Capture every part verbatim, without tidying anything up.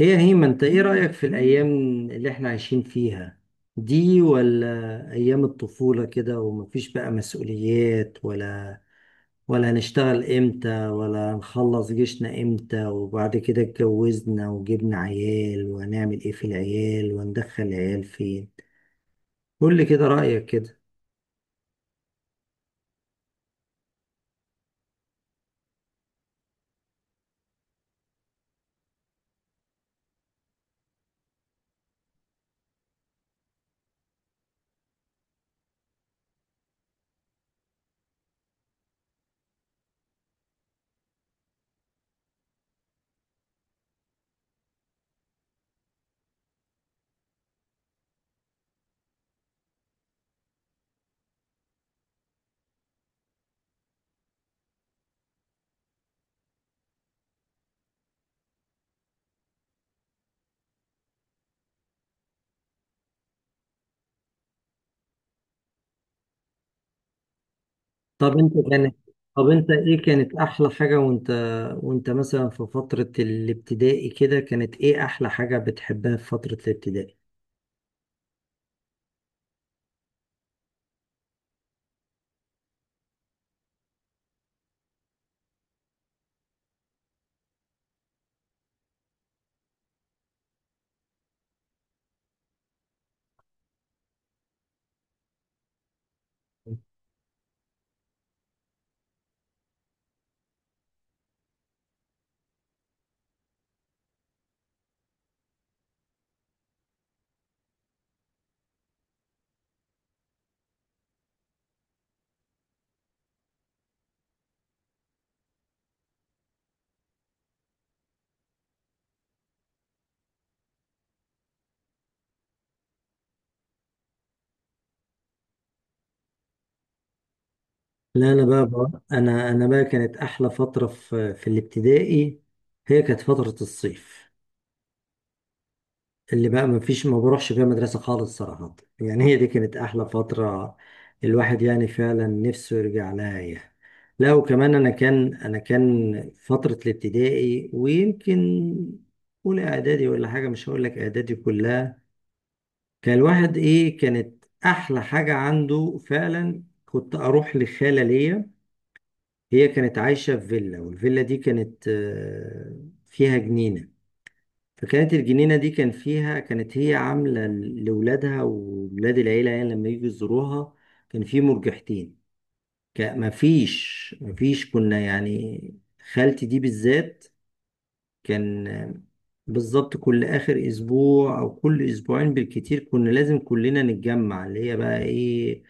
هي هيما انت ايه رأيك في الأيام اللي احنا عايشين فيها دي ولا أيام الطفولة كده ومفيش بقى مسؤوليات ولا ولا هنشتغل امتى ولا هنخلص جيشنا امتى وبعد كده اتجوزنا وجبنا عيال وهنعمل ايه في العيال وندخل العيال فين؟ قول لي كده رأيك كده. طب انت كان طب انت ايه كانت احلى حاجة وانت وانت مثلا في فترة الابتدائي كده كانت ايه احلى حاجة بتحبها في فترة الابتدائي؟ لا انا بقى, بقى انا انا بقى كانت احلى فتره في في الابتدائي. هي كانت فتره الصيف اللي بقى ما فيش ما بروحش فيها مدرسه خالص صراحه، يعني هي دي كانت احلى فتره. الواحد يعني فعلا نفسه يرجع لها يعني. لا وكمان انا كان انا كان فتره الابتدائي، ويمكن اولى اعدادي ولا حاجه، مش هقول لك اعدادي كلها. كان الواحد ايه، كانت احلى حاجه عنده فعلا كنت اروح لخاله ليا. هي كانت عايشة في فيلا، والفيلا دي كانت آه، فيها جنينة. فكانت الجنينة دي كان فيها، كانت هي عاملة لولادها وولاد العيلة يعني لما يجوا يزوروها. كان في مرجحتين. ما فيش ما فيش كنا يعني، خالتي دي بالذات كان بالظبط كل آخر أسبوع أو كل أسبوعين بالكتير كنا لازم كلنا نتجمع، اللي هي بقى إيه،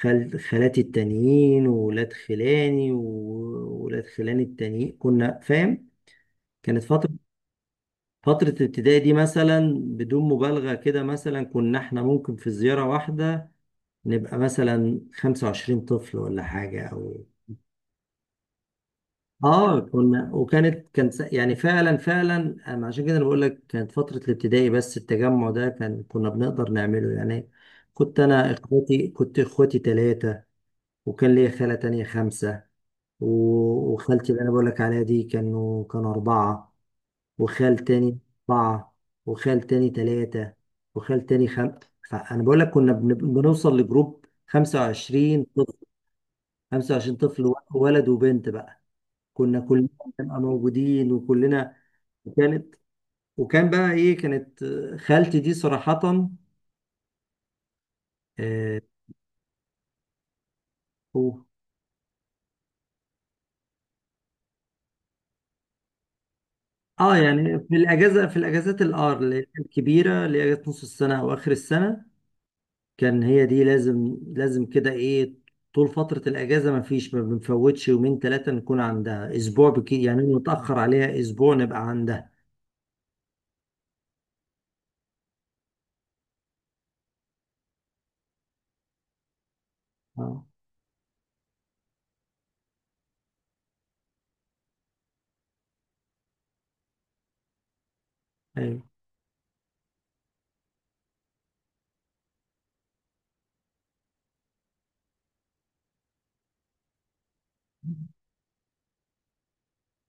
خال... خالاتي التانيين وولاد خلاني وولاد خلاني التانيين، كنا فاهم. كانت فترة، فترة الابتدائي دي مثلا بدون مبالغة كده مثلا كنا احنا ممكن في زيارة واحدة نبقى مثلا خمسة وعشرين طفل ولا حاجة أو اه، كنا وكانت كان س- يعني فعلا فعلا أنا عشان كده انا بقول لك كانت فتره الابتدائي، بس التجمع ده كان كنا بنقدر نعمله يعني. كنت انا اخواتي كنت اخواتي ثلاثه، وكان ليا خاله تانية خمسه، و- وخالتي اللي انا بقول لك عليها دي كانوا كانوا اربعه، وخال تاني اربعه، وخال تاني ثلاثه، وخال تاني خم، فانا بقول لك كنا بن- بنوصل لجروب خمسة وعشرين طفل، خمسة وعشرين طفل ولد وبنت بقى. كنا كلنا نبقى موجودين وكلنا. وكانت، وكان بقى ايه، كانت آه، خالتي دي صراحة اه. أوه. آه، يعني في الاجازة، في الاجازات الار اللي هي الكبيرة، اللي هي اجازة نص السنة او اخر السنة، كان هي دي لازم لازم كده ايه، طول فترة الاجازة ما فيش ما بنفوتش يومين ثلاثة نكون عندها، اسبوع بكي يعني نتأخر عليها اسبوع نبقى عندها. اه. ايوه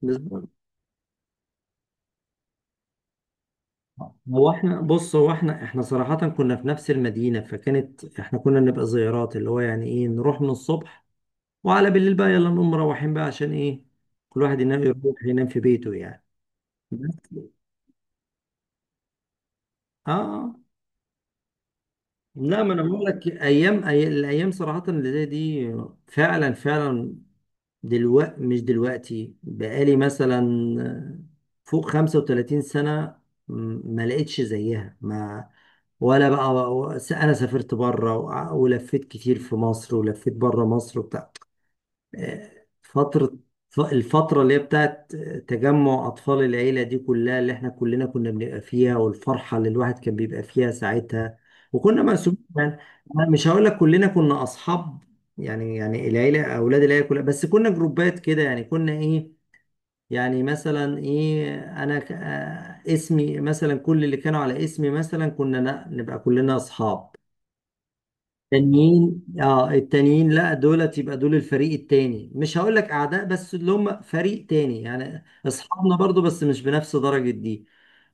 بالظبط. هو احنا بص هو احنا احنا صراحة كنا في نفس المدينة، فكانت احنا كنا نبقى زيارات اللي هو يعني ايه، نروح من الصبح وعلى بالليل بقى يلا نقوم مروحين بقى، عشان ايه، كل واحد ينام، يروح ينام في بيته يعني. بس اه آه. لا ما انا بقول لك ايام أي... الايام صراحة اللي زي دي فعلا فعلا. دلوقتي مش دلوقتي بقالي مثلا فوق خمسة وثلاثين سنة م- ما لقيتش زيها ما ولا بقى. انا سافرت بره، ولفيت كتير في مصر ولفيت بره مصر وبتاع، فترة، الفترة اللي هي بتاعت تجمع أطفال العيلة دي كلها اللي احنا كلنا كنا بنبقى فيها، والفرحة اللي الواحد كان بيبقى فيها ساعتها. وكنا مقسومين يعني، أنا مش هقول لك كلنا كنا أصحاب، يعني يعني العيلة أولاد العيلة كلها، بس كنا جروبات كده يعني كنا إيه، يعني مثلا إيه، أنا ك- آه، اسمي مثلا، كل اللي كانوا على اسمي مثلا كنا ن- نبقى كلنا أصحاب. التانيين اه التانيين لا دولت يبقى دول الفريق التاني، مش هقول لك اعداء بس اللي هم فريق تاني، يعني اصحابنا برضو بس مش بنفس درجة دي.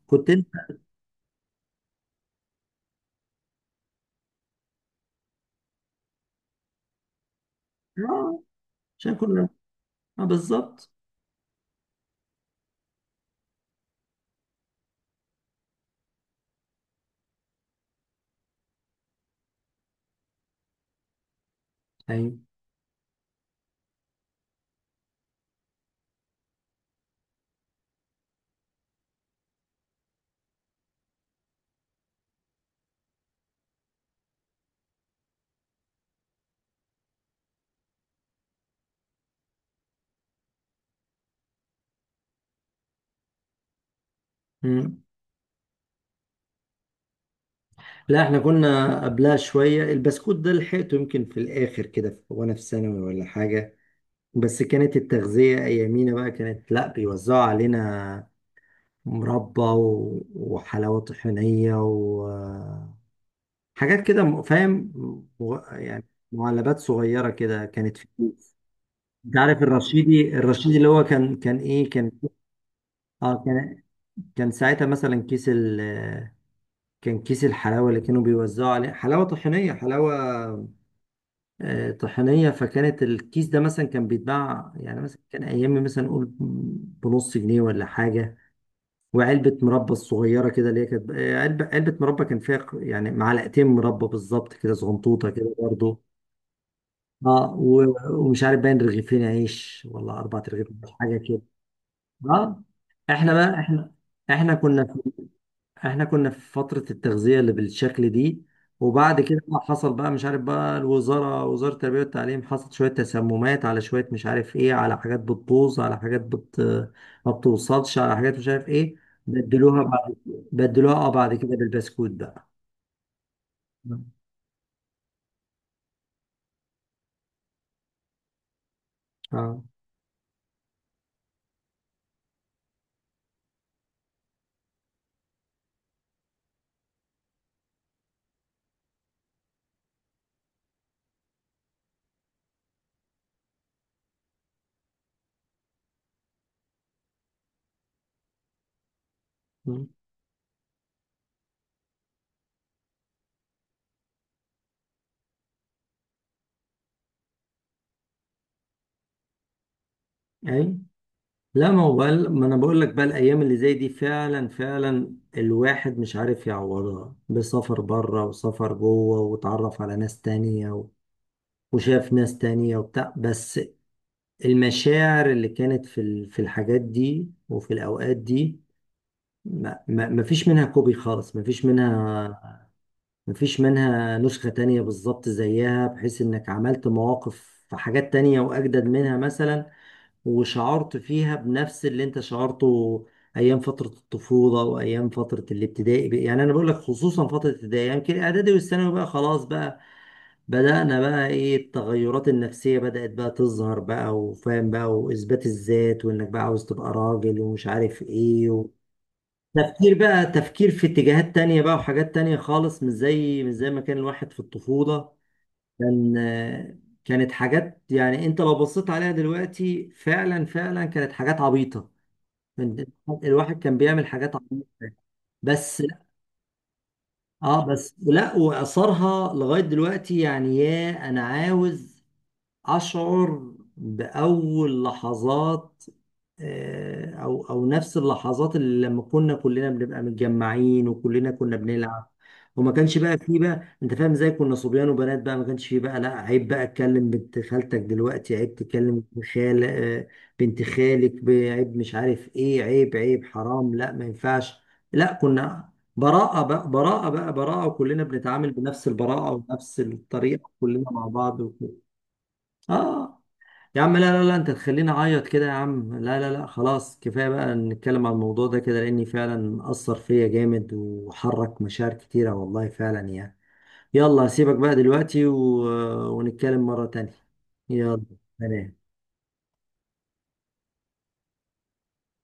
كنت انت اه عشان كنا اه بالظبط ايوه. مم. لا احنا كنا قبلها شوية، البسكوت ده لحقته يمكن في الاخر كده في- وانا في ثانوي ولا حاجة، بس كانت التغذية ايامينا بقى كانت لا بيوزعوا علينا مربى و- وحلاوة طحينية و... آه، حاجات كده م- فاهم، مغ- يعني معلبات صغيرة كده كانت في الكيس. انت عارف الرشيدي، الرشيدي اللي هو كان كان ايه كان اه، كان كان ساعتها مثلا كيس ال كان كيس الحلاوة اللي كانوا بيوزعوا عليه حلاوة طحينية، حلاوة آه، طحينية، فكانت الكيس ده مثلا كان بيتباع يعني مثلا كان أيام مثلا نقول بنص جنيه ولا حاجة. وعلبة مربى الصغيرة كده اللي هي كانت آه، علبة، علبة مربى كان فيها ق- يعني معلقتين مربى بالظبط كده صغنطوطة كده برضه. اه. و- ومش عارف باين رغيفين عيش ولا اربعة رغيفين عيش، حاجه كده. اه. احنا بقى احنا احنا كنا في احنا كنا في فتره التغذيه اللي بالشكل دي، وبعد كده بقى حصل بقى مش عارف بقى الوزاره، وزاره التربيه والتعليم، حصلت شويه تسممات على شويه مش عارف ايه، على حاجات بتبوظ، على حاجات بت ما بتوصلش، على حاجات مش عارف ايه، بدلوها بعد بدلوها اه بعد كده بالبسكوت بقى. اه اي. لا ما هو بقى- ما انا بقول لك بقى الايام اللي زي دي فعلا فعلا الواحد مش عارف يعوضها بسفر بره وسفر جوه وتعرف على ناس تانية و- وشاف ناس تانية وبتاع. بس المشاعر اللي كانت في ال- في الحاجات دي وفي الاوقات دي ما, ما, ما فيش منها كوبي خالص، ما فيش منها، ما فيش منها نسخة تانية بالظبط زيها، بحيث انك عملت مواقف في حاجات تانية واجدد منها مثلا وشعرت فيها بنفس اللي انت شعرته ايام فتره الطفوله وايام فتره الابتدائي بقى. يعني انا بقول لك خصوصا فتره الابتدائي، يعني يمكن الاعدادي والثانوي بقى خلاص بقى بدانا بقى ايه التغيرات النفسيه، بدات بقى تظهر بقى، وفاهم بقى واثبات الذات، وانك بقى عاوز تبقى راجل ومش عارف ايه و... تفكير بقى، تفكير في اتجاهات تانية بقى وحاجات تانية خالص، مش زي مش زي ما كان الواحد في الطفولة. كان آه، كانت حاجات، يعني انت لو بصيت عليها دلوقتي فعلا فعلا كانت حاجات عبيطة، كان- الواحد كان بيعمل حاجات عبيطة بس اه. بس لا واثرها لغاية دلوقتي يعني، يا انا عاوز أشعر بأول لحظات، آه، أو أو نفس اللحظات اللي لما كنا كلنا بنبقى متجمعين وكلنا كنا بنلعب، وما كانش بقى فيه بقى أنت فاهم إزاي، كنا صبيان وبنات بقى، ما كانش فيه بقى لا عيب بقى أتكلم بنت خالتك دلوقتي، عيب تكلم بنت خال آه، بنت خالك ب- عيب مش عارف إيه، عيب، عيب، حرام، لا ما ينفعش. لا كنا براءة بقى، براءة بقى براءة، وكلنا بنتعامل بنفس البراءة ونفس الطريقة كلنا مع بعض وكده. اه. يا عم لا لا لا انت تخليني اعيط كده، يا عم لا لا لا خلاص كفايه بقى نتكلم عن الموضوع ده كده، لاني فعلا اثر فيا جامد وحرك مشاعر كتيره والله فعلا يعني. يلا هسيبك بقى دلوقتي و... ونتكلم مره تانية. يلا. سلام.